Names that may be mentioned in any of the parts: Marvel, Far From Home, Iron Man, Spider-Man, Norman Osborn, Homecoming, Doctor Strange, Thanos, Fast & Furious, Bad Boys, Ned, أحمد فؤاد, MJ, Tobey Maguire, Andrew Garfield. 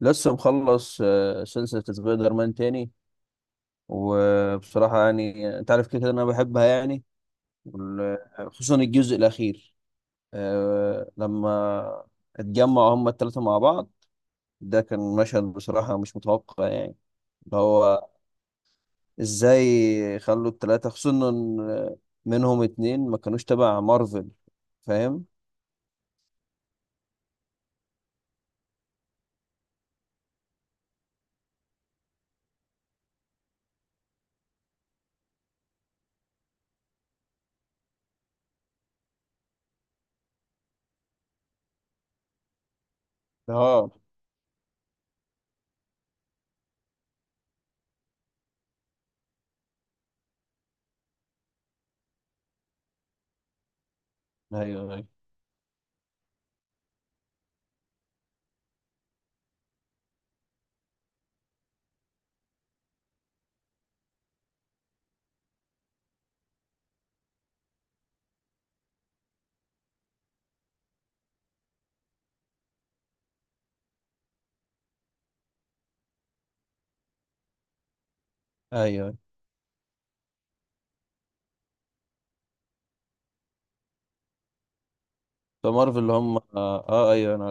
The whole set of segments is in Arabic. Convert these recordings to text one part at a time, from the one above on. لسه مخلص سلسلة سبايدر مان تاني. وبصراحة يعني انت عارف كده كده انا بحبها يعني. وال- خصوصا الجزء الاخير. لما اتجمعوا هما التلاتة مع بعض. ده كان مشهد بصراحة مش متوقع يعني. اللي هو ازاي خلوا التلاتة خصوصا إن منهم اتنين ما كانوش تبع مارفل. فاهم؟ اه. ايوه، ايوه، ايوه. فمارفل اللي هم آه ايوه انا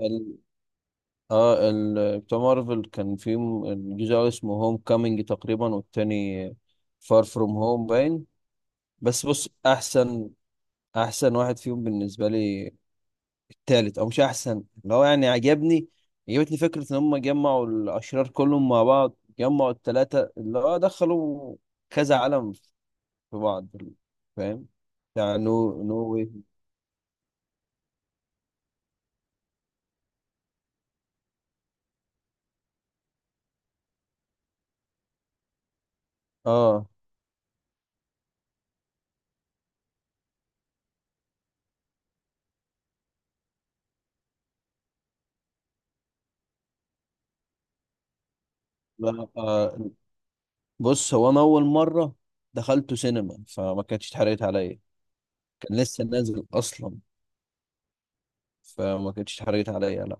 عارف. بتاع مارفل كان في الجزء الأول اسمه هوم كامينج تقريبا، والتاني فار فروم هوم باين. بس بص، احسن احسن واحد فيهم بالنسبه لي التالت. او مش احسن، اللي هو يعني عجبتني فكره ان هم جمعوا الاشرار كلهم مع بعض، جمعوا التلاته اللي هو دخلوا كذا عالم في بعض. فاهم؟ بتاع نو واي. اه. لا. بص، هو انا اول مره دخلته سينما، فما كانتش اتحرقت عليا. كان لسه نازل اصلا، فما كانتش اتحرجت عليا، لا.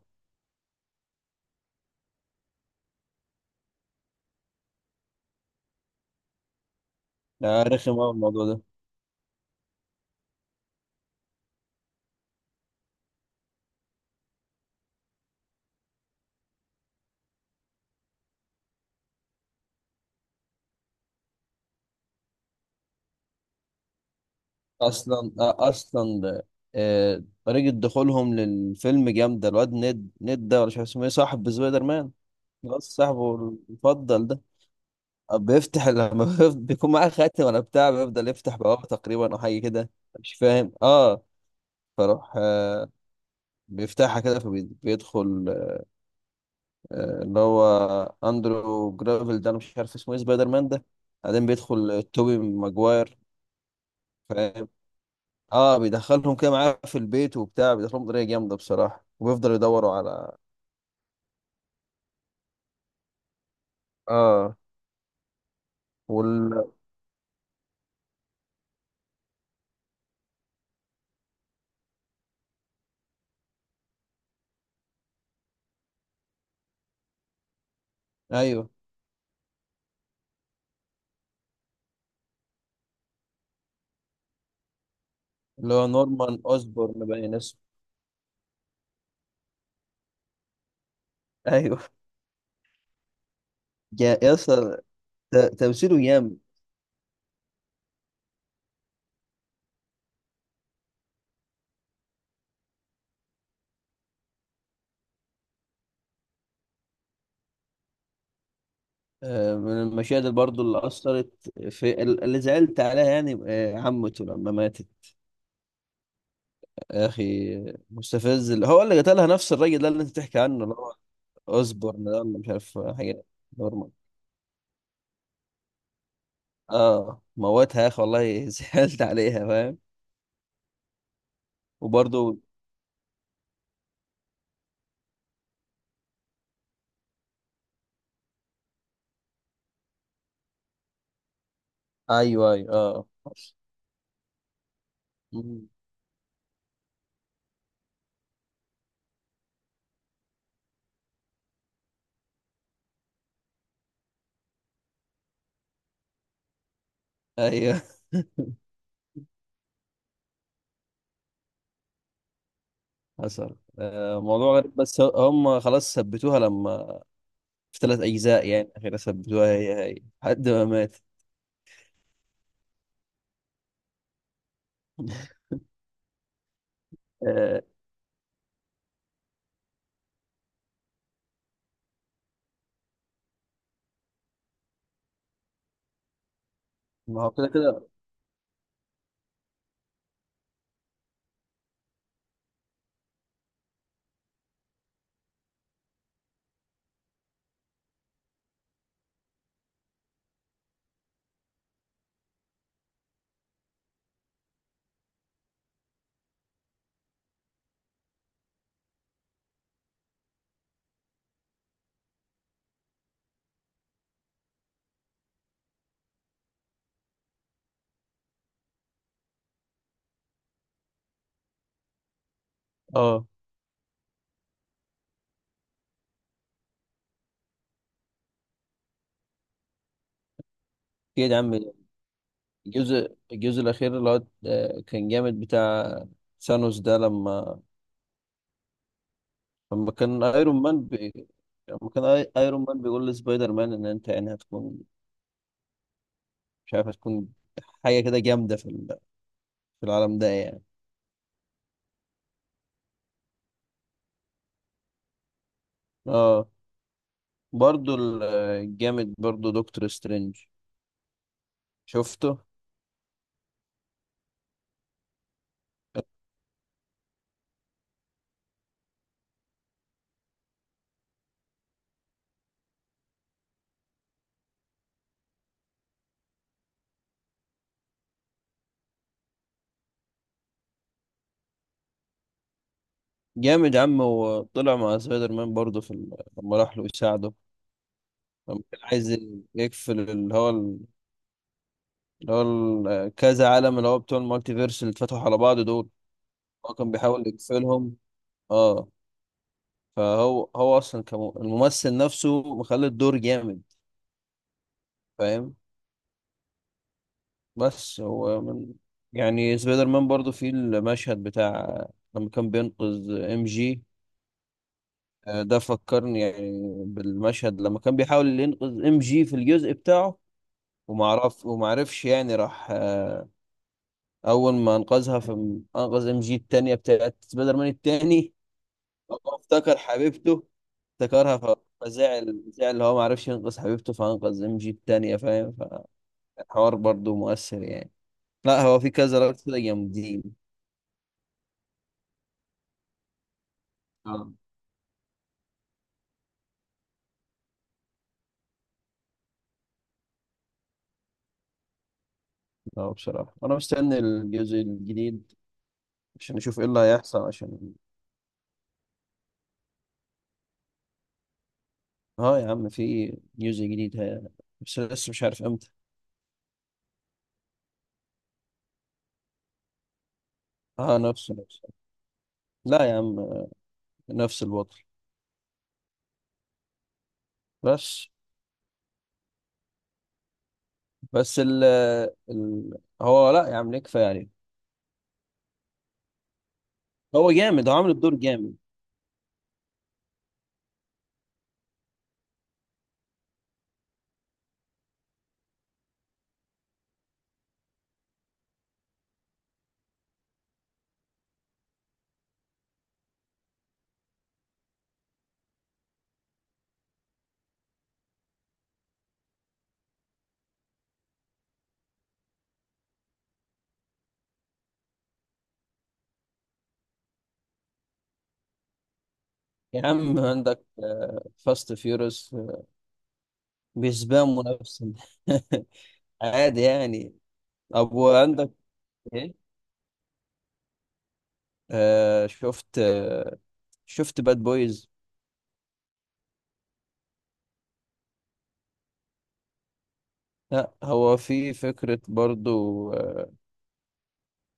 لا، رخم قوي الموضوع ده. اصلا طريقة دخولهم للفيلم جامدة. الواد نيد ده، ولا مش عارف اسمه ايه، صاحب سبايدر مان. خلاص، صاحبه المفضل ده. بيفتح لما بيكون معاه خاتم ولا بتاع، بيفضل يفتح بوابة تقريبا او حاجة كده. مش فاهم. اه، فروح بيفتحها كده فبيدخل. اللي هو اندرو جرافيل ده، انا مش عارف اسمه ايه سبايدر مان ده. بعدين بيدخل توبي ماجواير. فاهم؟ اه، بيدخلهم كده معاه في البيت وبتاع، بيدخلهم بطريقه جامده بصراحه، وبيفضلوا يدوروا على. اه. وال ايوه، اللي هو نورمان اوزبورن باين اسمه. ايوه. يا اسطى، تمثيله يام. من المشاهد برضو اللي اثرت في، اللي زعلت عليها يعني، عمته لما ماتت. يا اخي، مستفز، اللي هو اللي قتلها نفس الراجل ده اللي انت بتحكي عنه، اللي هو اوزبورن ده ولا مش عارف حاجه. نورمان. اه، موتها يا اخي والله، زعلت عليها. فاهم. وبرضه ايوه، ايوه، اه، مم. ايوه حصل. موضوع غريب، بس هم خلاص ثبتوها. لما في ثلاث اجزاء، يعني اخيرا ثبتوها هي هي، لحد ما مات. آه ما هو كده كده. اه. كده يا عم. الجزء الاخير اللي هو كان جامد بتاع ثانوس ده. لما كان ايرون مان لما كان ايرون مان بيقول لسبايدر مان ان انت يعني هتكون، مش عارف هتكون حاجه كده جامده في في العالم ده يعني. اه، برضو الجامد برضو دكتور سترينج. شفته. جامد يا عم. هو طلع مع سبايدر مان برضو في لما راح له يساعده، لما كان عايز يقفل، كذا عالم، اللي هو بتوع المالتيفيرس اللي اتفتحوا على بعض دول. هو كان بيحاول يقفلهم. اه. فهو اصلا الممثل نفسه مخلي الدور جامد. فاهم. بس هو من يعني، سبايدر مان برضو في المشهد بتاع لما كان بينقذ ام جي. ده فكرني يعني بالمشهد لما كان بيحاول ينقذ ام جي في الجزء بتاعه. ومعرفش يعني، راح اول ما انقذها، في انقذ ام جي التانية بتاعت سبايدر مان التاني، هو افتكر حبيبته، افتكرها. فزعل اللي هو معرفش ينقذ حبيبته فانقذ ام جي التانية. فاهم؟ حوار برضو مؤثر يعني. لا، هو في كذا لقطة كده جامدين. اه. اه، بصراحة أنا مستني الجزء الجديد عشان أشوف إيه اللي هيحصل. عشان اه يا عم في جزء جديد بس لسه مش عارف إمتى. اه، نفسه نفسه. لا يا عم، نفس البطل. بس بس ال هو. لا يا عم، ليه كفاية عليه؟ هو جامد، هو عامل الدور جامد. يا عم عندك فاست فيورس، بيسباموا نفسهم عادي يعني. أبو عندك شفت؟ شفت باد بويز. لا هو في فكرة برضو، آه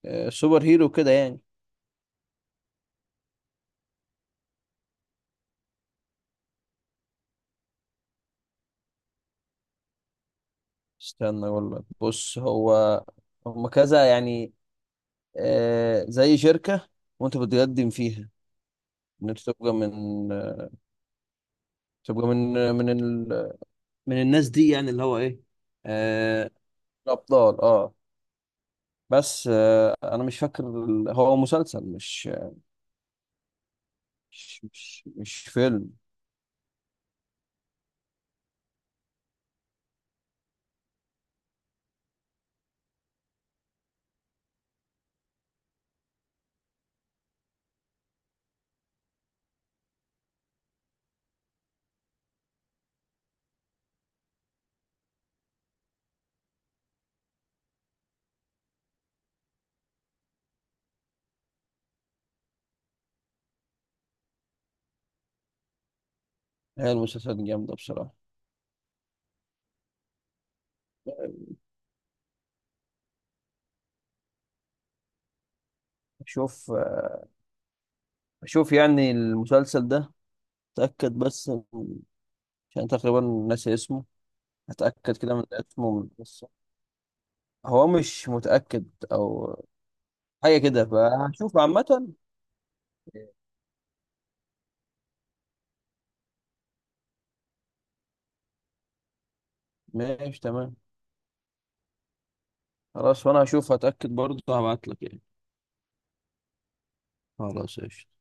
آه، سوبر هيرو كده يعني. استنى اقول لك، بص، هو هم كذا يعني، آه زي شركة وانت بتقدم فيها ان انت تبقى من تبقى من آه من ال... من الناس دي يعني، اللي هو ايه، آه الابطال. اه. بس انا مش فاكر. هو مسلسل مش. فيلم. هي المسلسلات جامدة بصراحة. شوف شوف يعني المسلسل ده، تأكد بس عشان تقريبا ناسي اسمه. هتأكد كده من اسمه ومن القصة. هو مش متأكد أو حاجة كده، فهشوف عامة. ماشي تمام. خلاص، وأنا هشوف، هتأكد برضه هبعتلك يعني. خلاص قشطة.